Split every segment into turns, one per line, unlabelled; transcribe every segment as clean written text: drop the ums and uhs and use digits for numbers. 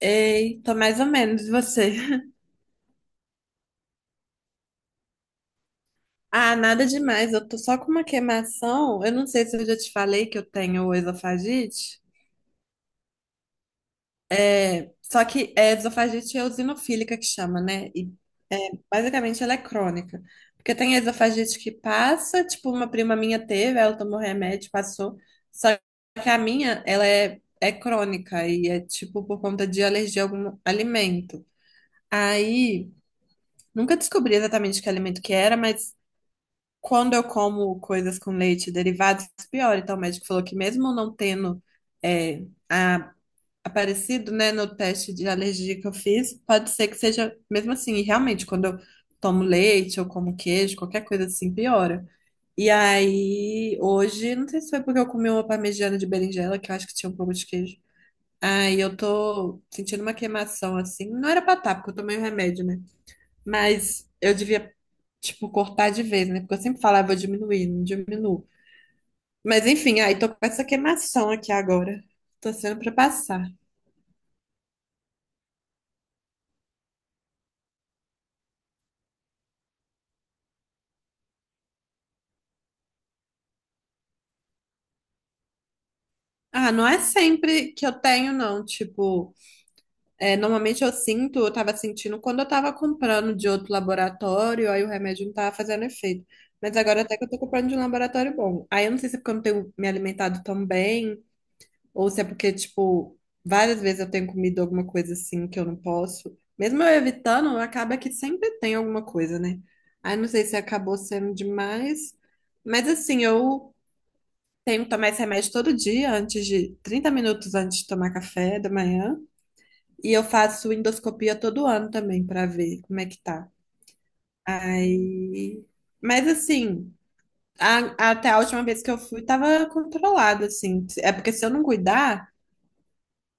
Ei, tô mais ou menos, e você? Ah, nada demais, eu tô só com uma queimação. Eu não sei se eu já te falei que eu tenho esofagite. Só que esofagite é eosinofílica que chama, né? E basicamente ela é crônica. Porque tem esofagite que passa, tipo, uma prima minha teve, ela tomou remédio, passou. Só que a minha, ela é crônica e é tipo por conta de alergia a algum alimento. Aí, nunca descobri exatamente que alimento que era, mas quando eu como coisas com leite, derivados, pior. Então, o médico falou que mesmo não tendo é, a- aparecido, né, no teste de alergia que eu fiz, pode ser que seja mesmo assim. E realmente, quando eu tomo leite ou como queijo, qualquer coisa assim, piora. E aí, hoje, não sei se foi porque eu comi uma parmegiana de berinjela, que eu acho que tinha um pouco de queijo. Aí eu tô sentindo uma queimação assim. Não era pra tá, porque eu tomei o remédio, né? Mas eu devia, tipo, cortar de vez, né? Porque eu sempre falava, "Ah, vou diminuir, não diminuo." Mas enfim, aí tô com essa queimação aqui agora. Tô sendo pra passar. Ah, não é sempre que eu tenho, não. Tipo, normalmente eu sinto, eu tava sentindo quando eu tava comprando de outro laboratório, aí o remédio não tava fazendo efeito. Mas agora até que eu tô comprando de um laboratório bom. Aí eu não sei se é porque eu não tenho me alimentado tão bem, ou se é porque, tipo, várias vezes eu tenho comido alguma coisa assim que eu não posso. Mesmo eu evitando, acaba que sempre tem alguma coisa, né? Aí não sei se acabou sendo demais. Mas assim, eu tenho que tomar esse remédio todo dia, antes de 30 minutos antes de tomar café da manhã. E eu faço endoscopia todo ano também pra ver como é que tá. Aí. Mas assim, até a última vez que eu fui, tava controlado, assim. É porque se eu não cuidar.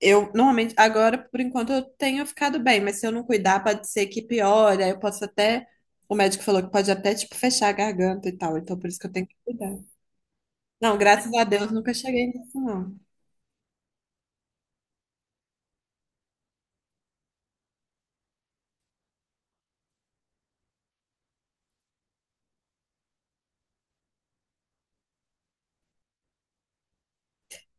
Eu normalmente, agora, por enquanto, eu tenho ficado bem, mas se eu não cuidar, pode ser que piore. Aí eu posso até. O médico falou que pode até, tipo, fechar a garganta e tal. Então, por isso que eu tenho que cuidar. Não, graças a Deus, nunca cheguei nisso, não.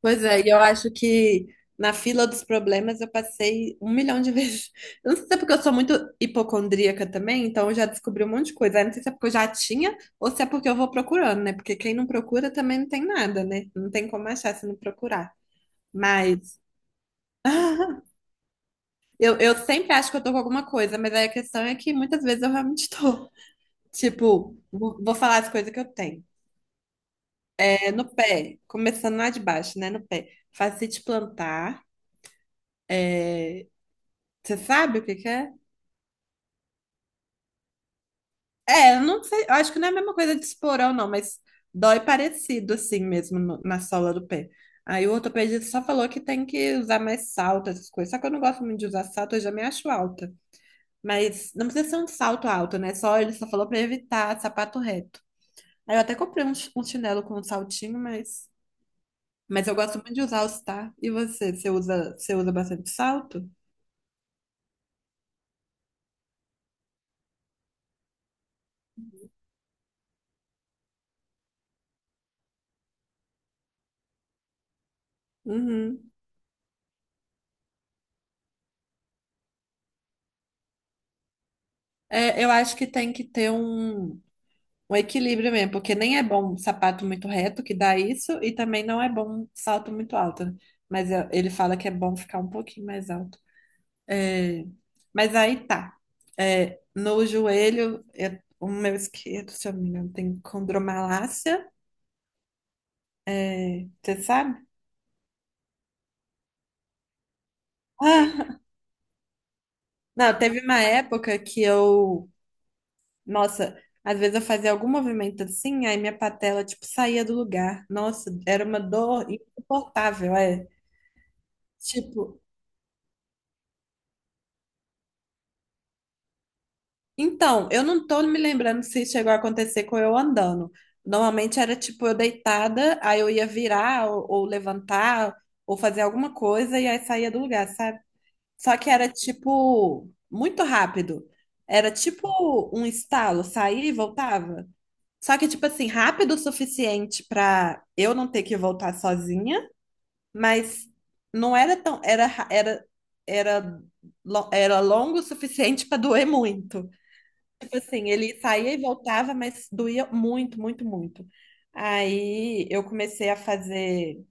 Pois é, e eu acho que na fila dos problemas eu passei um milhão de vezes. Eu não sei se é porque eu sou muito hipocondríaca também, então eu já descobri um monte de coisa. Aí não sei se é porque eu já tinha ou se é porque eu vou procurando, né? Porque quem não procura também não tem nada, né? Não tem como achar se não procurar. Mas. Eu sempre acho que eu tô com alguma coisa, mas aí a questão é que muitas vezes eu realmente tô. Tipo, vou falar as coisas que eu tenho. É, no pé, começando lá de baixo, né? No pé. Fascite plantar. Você sabe o que que é? É, eu não sei. Eu acho que não é a mesma coisa de esporão, não, mas dói parecido assim mesmo na sola do pé. Aí o ortopedista só falou que tem que usar mais salto, essas coisas. Só que eu não gosto muito de usar salto, eu já me acho alta. Mas não precisa ser um salto alto, né? Só ele só falou pra evitar sapato reto. Aí eu até comprei um chinelo com um saltinho, mas eu gosto muito de usar os tá. E você? Você usa bastante salto? Uhum. É, eu acho que tem que ter um equilíbrio mesmo, porque nem é bom sapato muito reto, que dá isso, e também não é bom salto muito alto, né? Mas ele fala que é bom ficar um pouquinho mais alto. É, mas aí tá. É, no joelho, o meu esquerdo, se eu não me engano, tem condromalácia. É, você sabe? Não, teve uma época que eu, nossa, às vezes eu fazia algum movimento assim, aí minha patela, tipo, saía do lugar. Nossa, era uma dor insuportável, é. Tipo, então, eu não tô me lembrando se chegou a acontecer com eu andando. Normalmente era tipo eu deitada, aí eu ia virar ou levantar ou fazer alguma coisa e aí saía do lugar, sabe? Só que era tipo muito rápido. Era tipo um estalo, saía e voltava. Só que, tipo assim, rápido o suficiente pra eu não ter que voltar sozinha, mas não era tão. Era, ra- era, era, lo- era longo o suficiente pra doer muito. Tipo assim, ele saía e voltava, mas doía muito, muito, muito. Aí eu comecei a fazer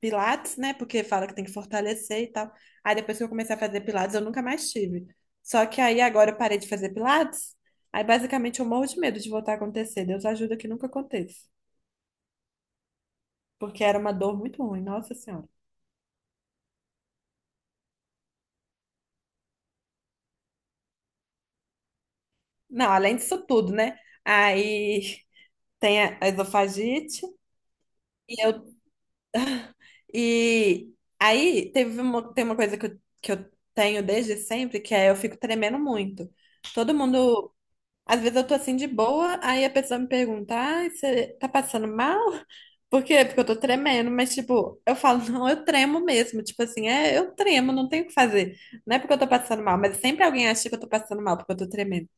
pilates, né? Porque fala que tem que fortalecer e tal. Aí depois que eu comecei a fazer pilates, eu nunca mais tive. Só que aí agora eu parei de fazer pilates. Aí basicamente eu morro de medo de voltar a acontecer. Deus ajuda que nunca aconteça. Porque era uma dor muito ruim, nossa senhora. Não, além disso tudo, né? Aí tem a esofagite e eu e aí tem uma coisa que eu tenho desde sempre, que é eu fico tremendo muito. Todo mundo, às vezes eu tô assim de boa, aí a pessoa me pergunta: "Ai, você tá passando mal?" Por quê? Porque eu tô tremendo, mas tipo, eu falo, não, eu tremo mesmo, tipo assim, eu tremo, não tenho o que fazer. Não é porque eu tô passando mal, mas sempre alguém acha que eu tô passando mal porque eu tô tremendo.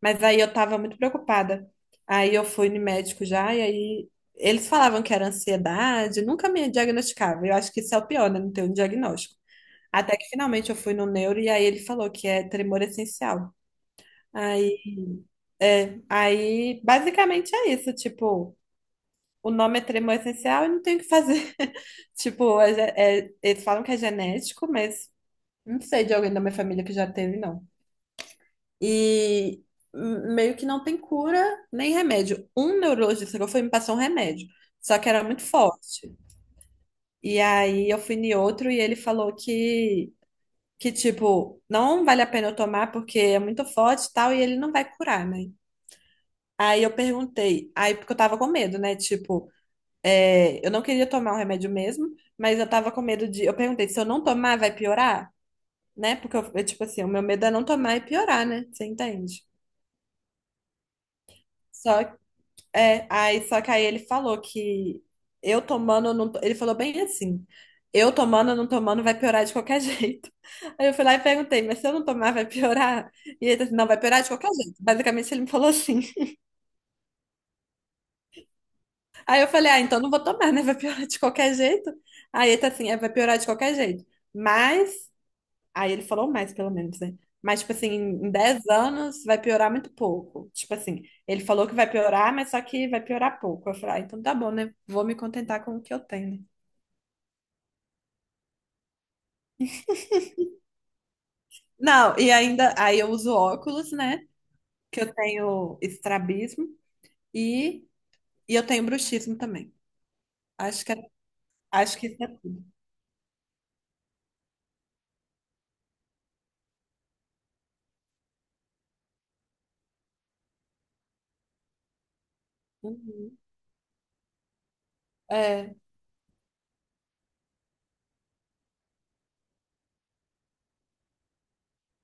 Mas aí eu tava muito preocupada. Aí eu fui no médico já, e aí eles falavam que era ansiedade, nunca me diagnosticava. Eu acho que isso é o pior, né? Não ter um diagnóstico. Até que finalmente eu fui no neuro e aí ele falou que é tremor essencial. Aí, aí basicamente é isso, tipo, o nome é tremor essencial e não tem o que fazer. Tipo, eles falam que é genético, mas não sei de alguém da minha família que já teve, não. E meio que não tem cura nem remédio. Um neurologista que eu fui me passou um remédio, só que era muito forte. E aí eu fui em outro e ele falou que tipo, não vale a pena eu tomar porque é muito forte e tal, e ele não vai curar, né? Aí eu perguntei, aí porque eu tava com medo, né? Tipo, eu não queria tomar um remédio mesmo, mas eu tava com medo de. Eu perguntei, se eu não tomar, vai piorar? Né? Porque tipo assim, o meu medo é não tomar e piorar, né? Você entende? Só É, aí só que aí ele falou que eu tomando, não, to- ele falou bem assim, eu tomando, não tomando, vai piorar de qualquer jeito. Aí eu fui lá e perguntei, mas se eu não tomar, vai piorar? E ele disse, não, vai piorar de qualquer jeito. Basicamente ele me falou assim. Aí eu falei, ah, então não vou tomar, né? Vai piorar de qualquer jeito. Aí ele tá assim, é, vai piorar de qualquer jeito. Mas Aí ele falou mais, pelo menos, né? Mas, tipo assim, em 10 anos vai piorar muito pouco. Tipo assim, ele falou que vai piorar, mas só que vai piorar pouco. Eu falei, ah, então tá bom, né? Vou me contentar com o que eu tenho, né? Não, e ainda, aí eu uso óculos, né? Que eu tenho estrabismo e, e eu tenho bruxismo também. Acho que, acho que isso é tudo. Uhum. É.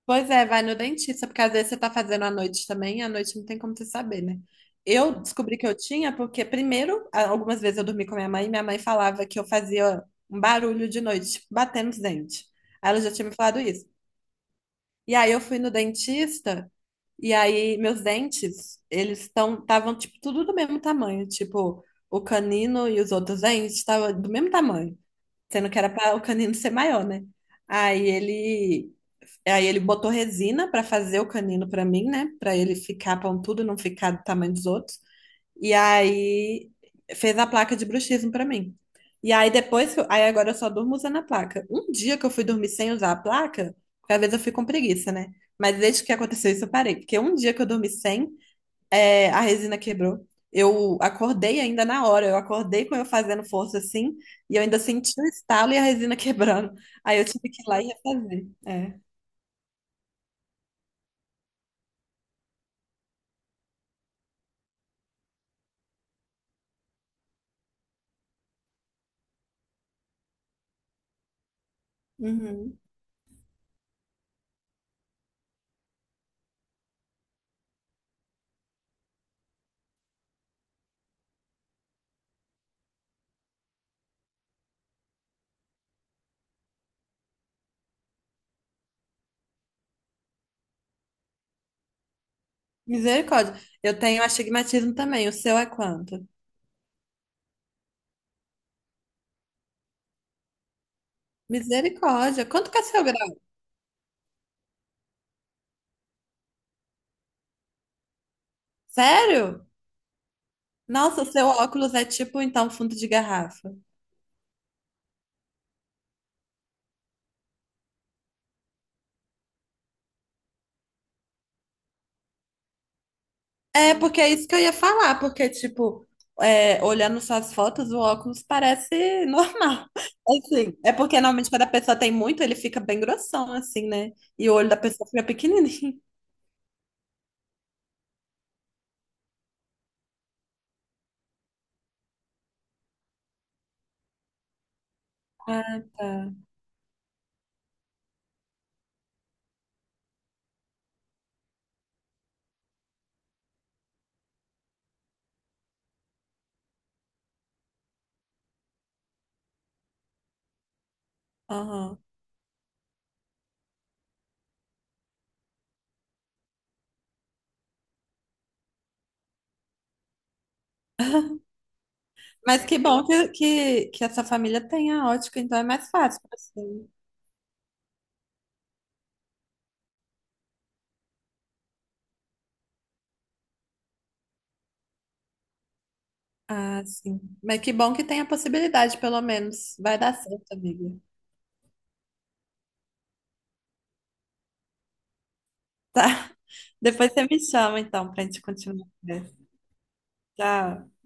Pois é, vai no dentista, porque às vezes você tá fazendo à noite também, e à noite não tem como você saber, né? Eu descobri que eu tinha porque, primeiro, algumas vezes eu dormi com minha mãe, e minha mãe falava que eu fazia um barulho de noite, tipo, batendo os dentes. Aí ela já tinha me falado isso. E aí eu fui no dentista, e aí meus dentes, eles estão, estavam, tipo, tudo do mesmo tamanho, tipo, o canino e os outros dentes estavam do mesmo tamanho, sendo que era para o canino ser maior, né? Aí ele Aí ele botou resina pra fazer o canino pra mim, né? Pra ele ficar pontudo, não ficar do tamanho dos outros. E aí fez a placa de bruxismo pra mim. E aí depois, aí agora eu só durmo usando a placa. Um dia que eu fui dormir sem usar a placa, porque às vezes eu fico com preguiça, né? Mas desde que aconteceu isso eu parei, porque um dia que eu dormi sem, a resina quebrou. Eu acordei ainda na hora, eu acordei com eu fazendo força assim, e eu ainda senti o estalo e a resina quebrando. Aí eu tive que ir lá e refazer. É. Uhum. Misericórdia. Eu tenho astigmatismo também. O seu é quanto? Misericórdia. Quanto que é seu grau? Sério? Nossa, o seu óculos é tipo, então, fundo de garrafa. É, porque é isso que eu ia falar, porque, tipo, olhando suas fotos, o óculos parece normal. Assim, é porque normalmente quando a pessoa tem muito, ele fica bem grossão, assim, né? E o olho da pessoa fica pequenininho. Ah, tá. Aham. Mas que bom que essa família tenha ótica, então é mais fácil, pra você. Ah, sim. Mas que bom que tem a possibilidade, pelo menos. Vai dar certo, amiga. Tá? Depois você me chama, então, pra gente continuar a conversa. Tchau.